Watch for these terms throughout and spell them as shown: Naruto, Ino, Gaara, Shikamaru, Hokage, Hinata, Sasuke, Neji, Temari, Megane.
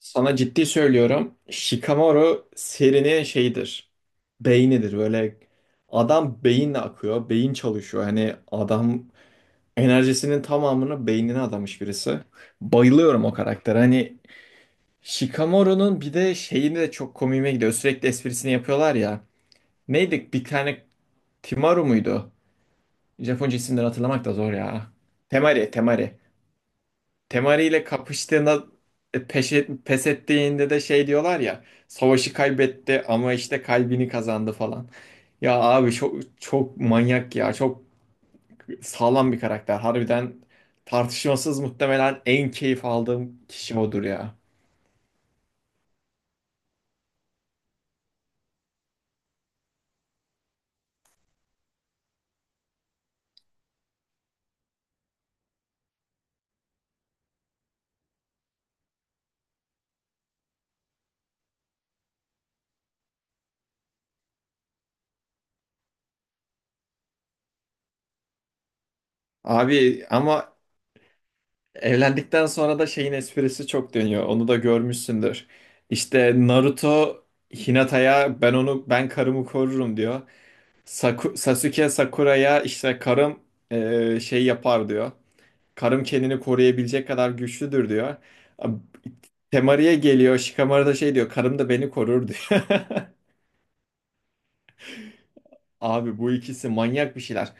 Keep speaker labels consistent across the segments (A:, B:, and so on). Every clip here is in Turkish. A: Sana ciddi söylüyorum. Shikamaru serinin şeyidir. Beynidir. Böyle adam beyinle akıyor. Beyin çalışıyor. Hani adam enerjisinin tamamını beynine adamış birisi. Bayılıyorum o karaktere. Hani Shikamaru'nun bir de şeyini de çok komiğime gidiyor. Sürekli esprisini yapıyorlar ya. Neydi? Bir tane Timaru muydu? Japonca isimleri hatırlamak da zor ya. Temari, Temari. Temari ile kapıştığında pes ettiğinde de şey diyorlar ya savaşı kaybetti ama işte kalbini kazandı falan. Ya abi çok manyak ya çok sağlam bir karakter harbiden tartışmasız muhtemelen en keyif aldığım kişi odur ya. Abi ama evlendikten sonra da şeyin esprisi çok dönüyor onu da görmüşsündür. İşte Naruto Hinata'ya ben onu ben karımı korurum diyor. Sasuke Sakura'ya işte karım şey yapar diyor. Karım kendini koruyabilecek kadar güçlüdür diyor. Ab- Temari'ye geliyor. Shikamaru da şey diyor. Karım da beni korur diyor. Abi bu ikisi manyak bir şeyler.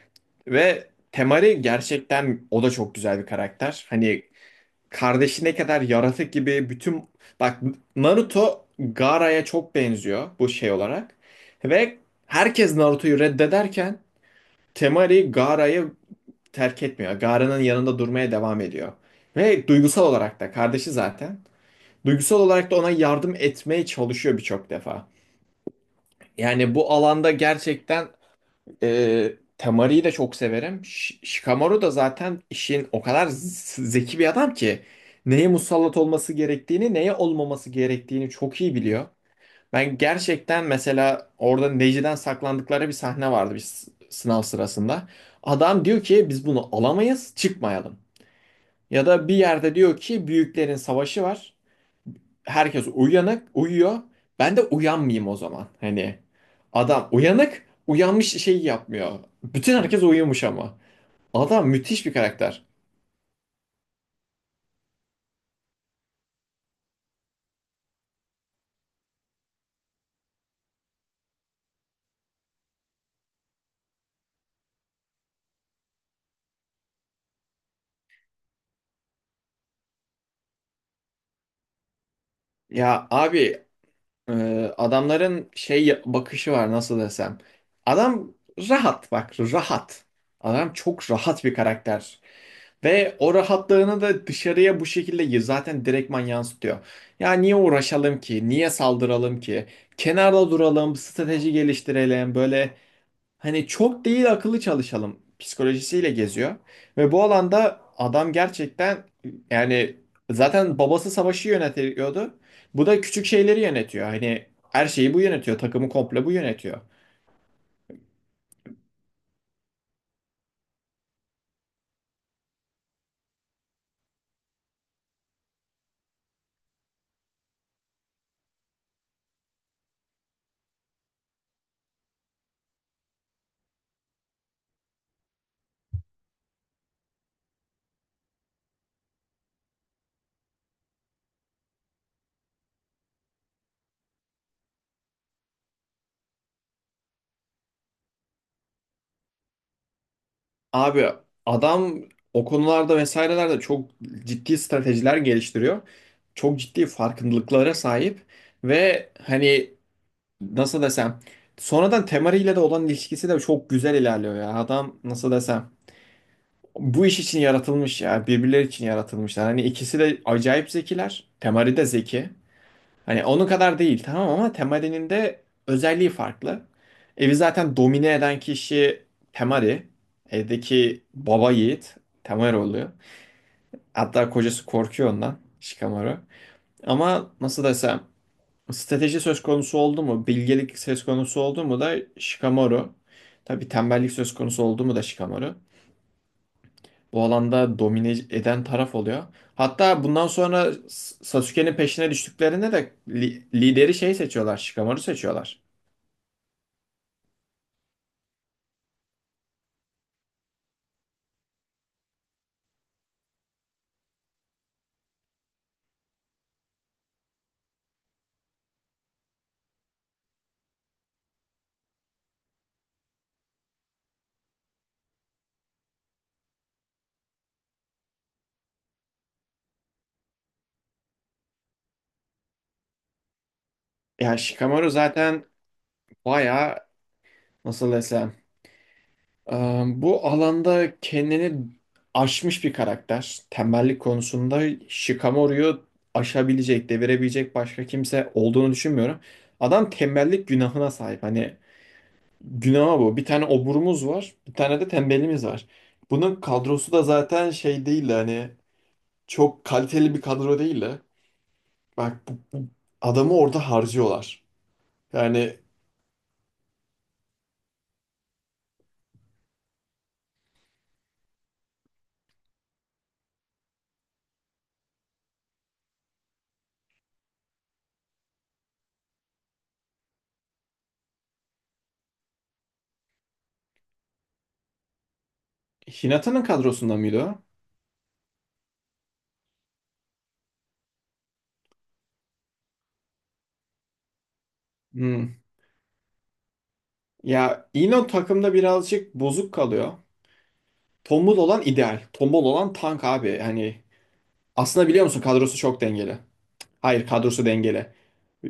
A: Ve Temari gerçekten o da çok güzel bir karakter. Hani kardeşi ne kadar yaratık gibi bütün... Bak Naruto Gaara'ya çok benziyor bu şey olarak. Ve herkes Naruto'yu reddederken Temari Gaara'yı terk etmiyor. Gara'nın yanında durmaya devam ediyor. Ve duygusal olarak da kardeşi zaten. Duygusal olarak da ona yardım etmeye çalışıyor birçok defa. Yani bu alanda gerçekten e, Temari'yi de çok severim. Shikamaru da zaten işin o kadar zeki bir adam ki neye musallat olması gerektiğini, neye olmaması gerektiğini çok iyi biliyor. Ben gerçekten mesela orada Neji'den saklandıkları bir sahne vardı bir sınav sırasında. Adam diyor ki biz bunu alamayız, çıkmayalım. Ya da bir yerde diyor ki büyüklerin savaşı var. Herkes uyanık, uyuyor. Ben de uyanmayayım o zaman. Hani adam uyanık, uyanmış şeyi yapmıyor. Bütün herkes uyumuş ama. Adam müthiş bir karakter. Ya abi e, adamların şey bakışı var nasıl desem. Adam rahat bak rahat. Adam çok rahat bir karakter. Ve o rahatlığını da dışarıya bu şekilde zaten direktman yansıtıyor. Ya niye uğraşalım ki? Niye saldıralım ki? Kenarda duralım, strateji geliştirelim. Böyle hani çok değil akıllı çalışalım psikolojisiyle geziyor. Ve bu alanda adam gerçekten yani zaten babası savaşı yönetiyordu. Bu da küçük şeyleri yönetiyor. Hani her şeyi bu yönetiyor. Takımı komple bu yönetiyor. Abi adam o konularda vesairelerde çok ciddi stratejiler geliştiriyor. Çok ciddi farkındalıklara sahip ve hani nasıl desem sonradan Temari ile de olan ilişkisi de çok güzel ilerliyor ya. Adam nasıl desem bu iş için yaratılmış ya birbirleri için yaratılmışlar. Hani ikisi de acayip zekiler. Temari de zeki. Hani onun kadar değil tamam ama Temari'nin de özelliği farklı. Evi zaten domine eden kişi Temari. Evdeki baba yiğit Temari oluyor. Hatta kocası korkuyor ondan Shikamaru. Ama nasıl desem strateji söz konusu oldu mu, bilgelik söz konusu oldu mu da Shikamaru. Tabii tembellik söz konusu oldu mu da Shikamaru. Bu alanda domine eden taraf oluyor. Hatta bundan sonra Sasuke'nin peşine düştüklerinde de lideri şey seçiyorlar, Shikamaru seçiyorlar. Ya Shikamaru zaten bayağı nasıl desem e, bu alanda kendini aşmış bir karakter. Tembellik konusunda Shikamaru'yu aşabilecek, devirebilecek başka kimse olduğunu düşünmüyorum. Adam tembellik günahına sahip. Hani günahı bu. Bir tane oburumuz var, bir tane de tembelimiz var. Bunun kadrosu da zaten şey değil de hani çok kaliteli bir kadro değil de. Bak bu adamı orada harcıyorlar. Yani Hinata'nın kadrosunda mıydı o? Hmm. Ya Eno takımda birazcık bozuk kalıyor. Tombul olan ideal. Tombul olan tank abi. Hani aslında biliyor musun kadrosu çok dengeli. Hayır kadrosu dengeli.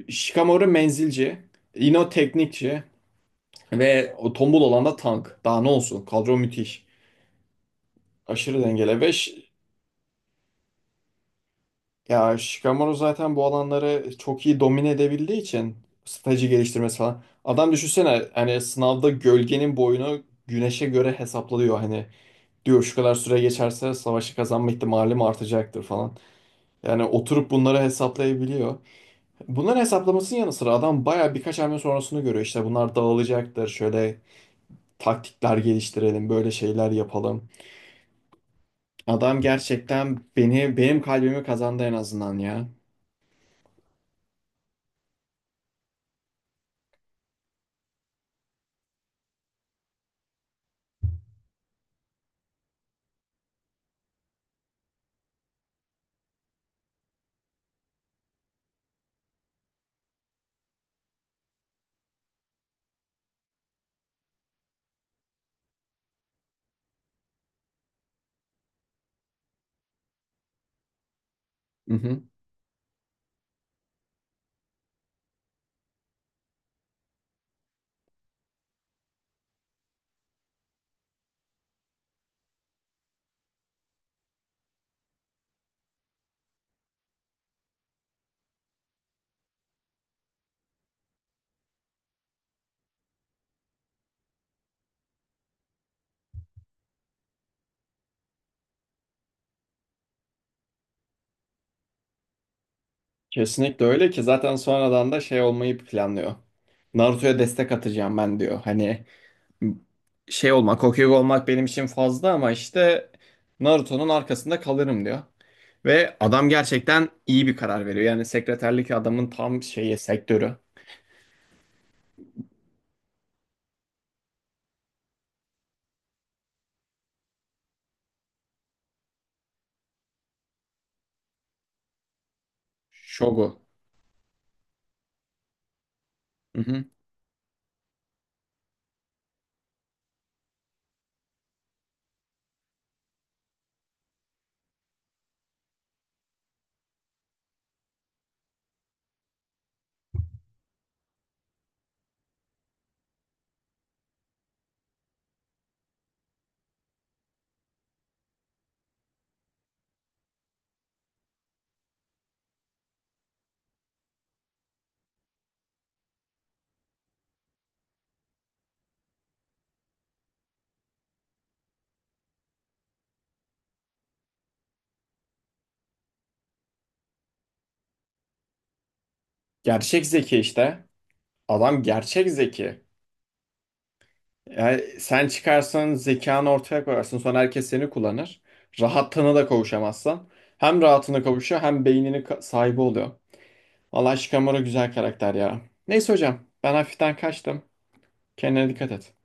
A: Shikamaru menzilci. Ino teknikçi. Ve o tombul olan da tank. Daha ne olsun? Kadro müthiş. Aşırı dengeli. Ya Shikamaru zaten bu alanları çok iyi domine edebildiği için strateji geliştirmesi falan. Adam düşünsene hani sınavda gölgenin boyunu güneşe göre hesaplıyor hani. Diyor şu kadar süre geçerse savaşı kazanma ihtimalim artacaktır falan. Yani oturup bunları hesaplayabiliyor. Bunların hesaplamasının yanı sıra adam baya birkaç hamle sonrasını görüyor. İşte bunlar dağılacaktır. Şöyle taktikler geliştirelim, böyle şeyler yapalım. Adam gerçekten benim kalbimi kazandı en azından ya. Hı hı. Kesinlikle öyle ki zaten sonradan da şey olmayı planlıyor. Naruto'ya destek atacağım ben diyor. Hani şey olmak, Hokage olmak benim için fazla ama işte Naruto'nun arkasında kalırım diyor. Ve adam gerçekten iyi bir karar veriyor. Yani sekreterlik adamın tam şeyi sektörü. Shogu. Hı hı. Gerçek zeki işte. Adam gerçek zeki. Yani sen çıkarsan zekanı ortaya koyarsın. Sonra herkes seni kullanır. Rahatlığına da kavuşamazsan. Hem rahatına kavuşuyor hem beynini sahibi oluyor. Vallahi Shikamaru güzel karakter ya. Neyse hocam ben hafiften kaçtım. Kendine dikkat et.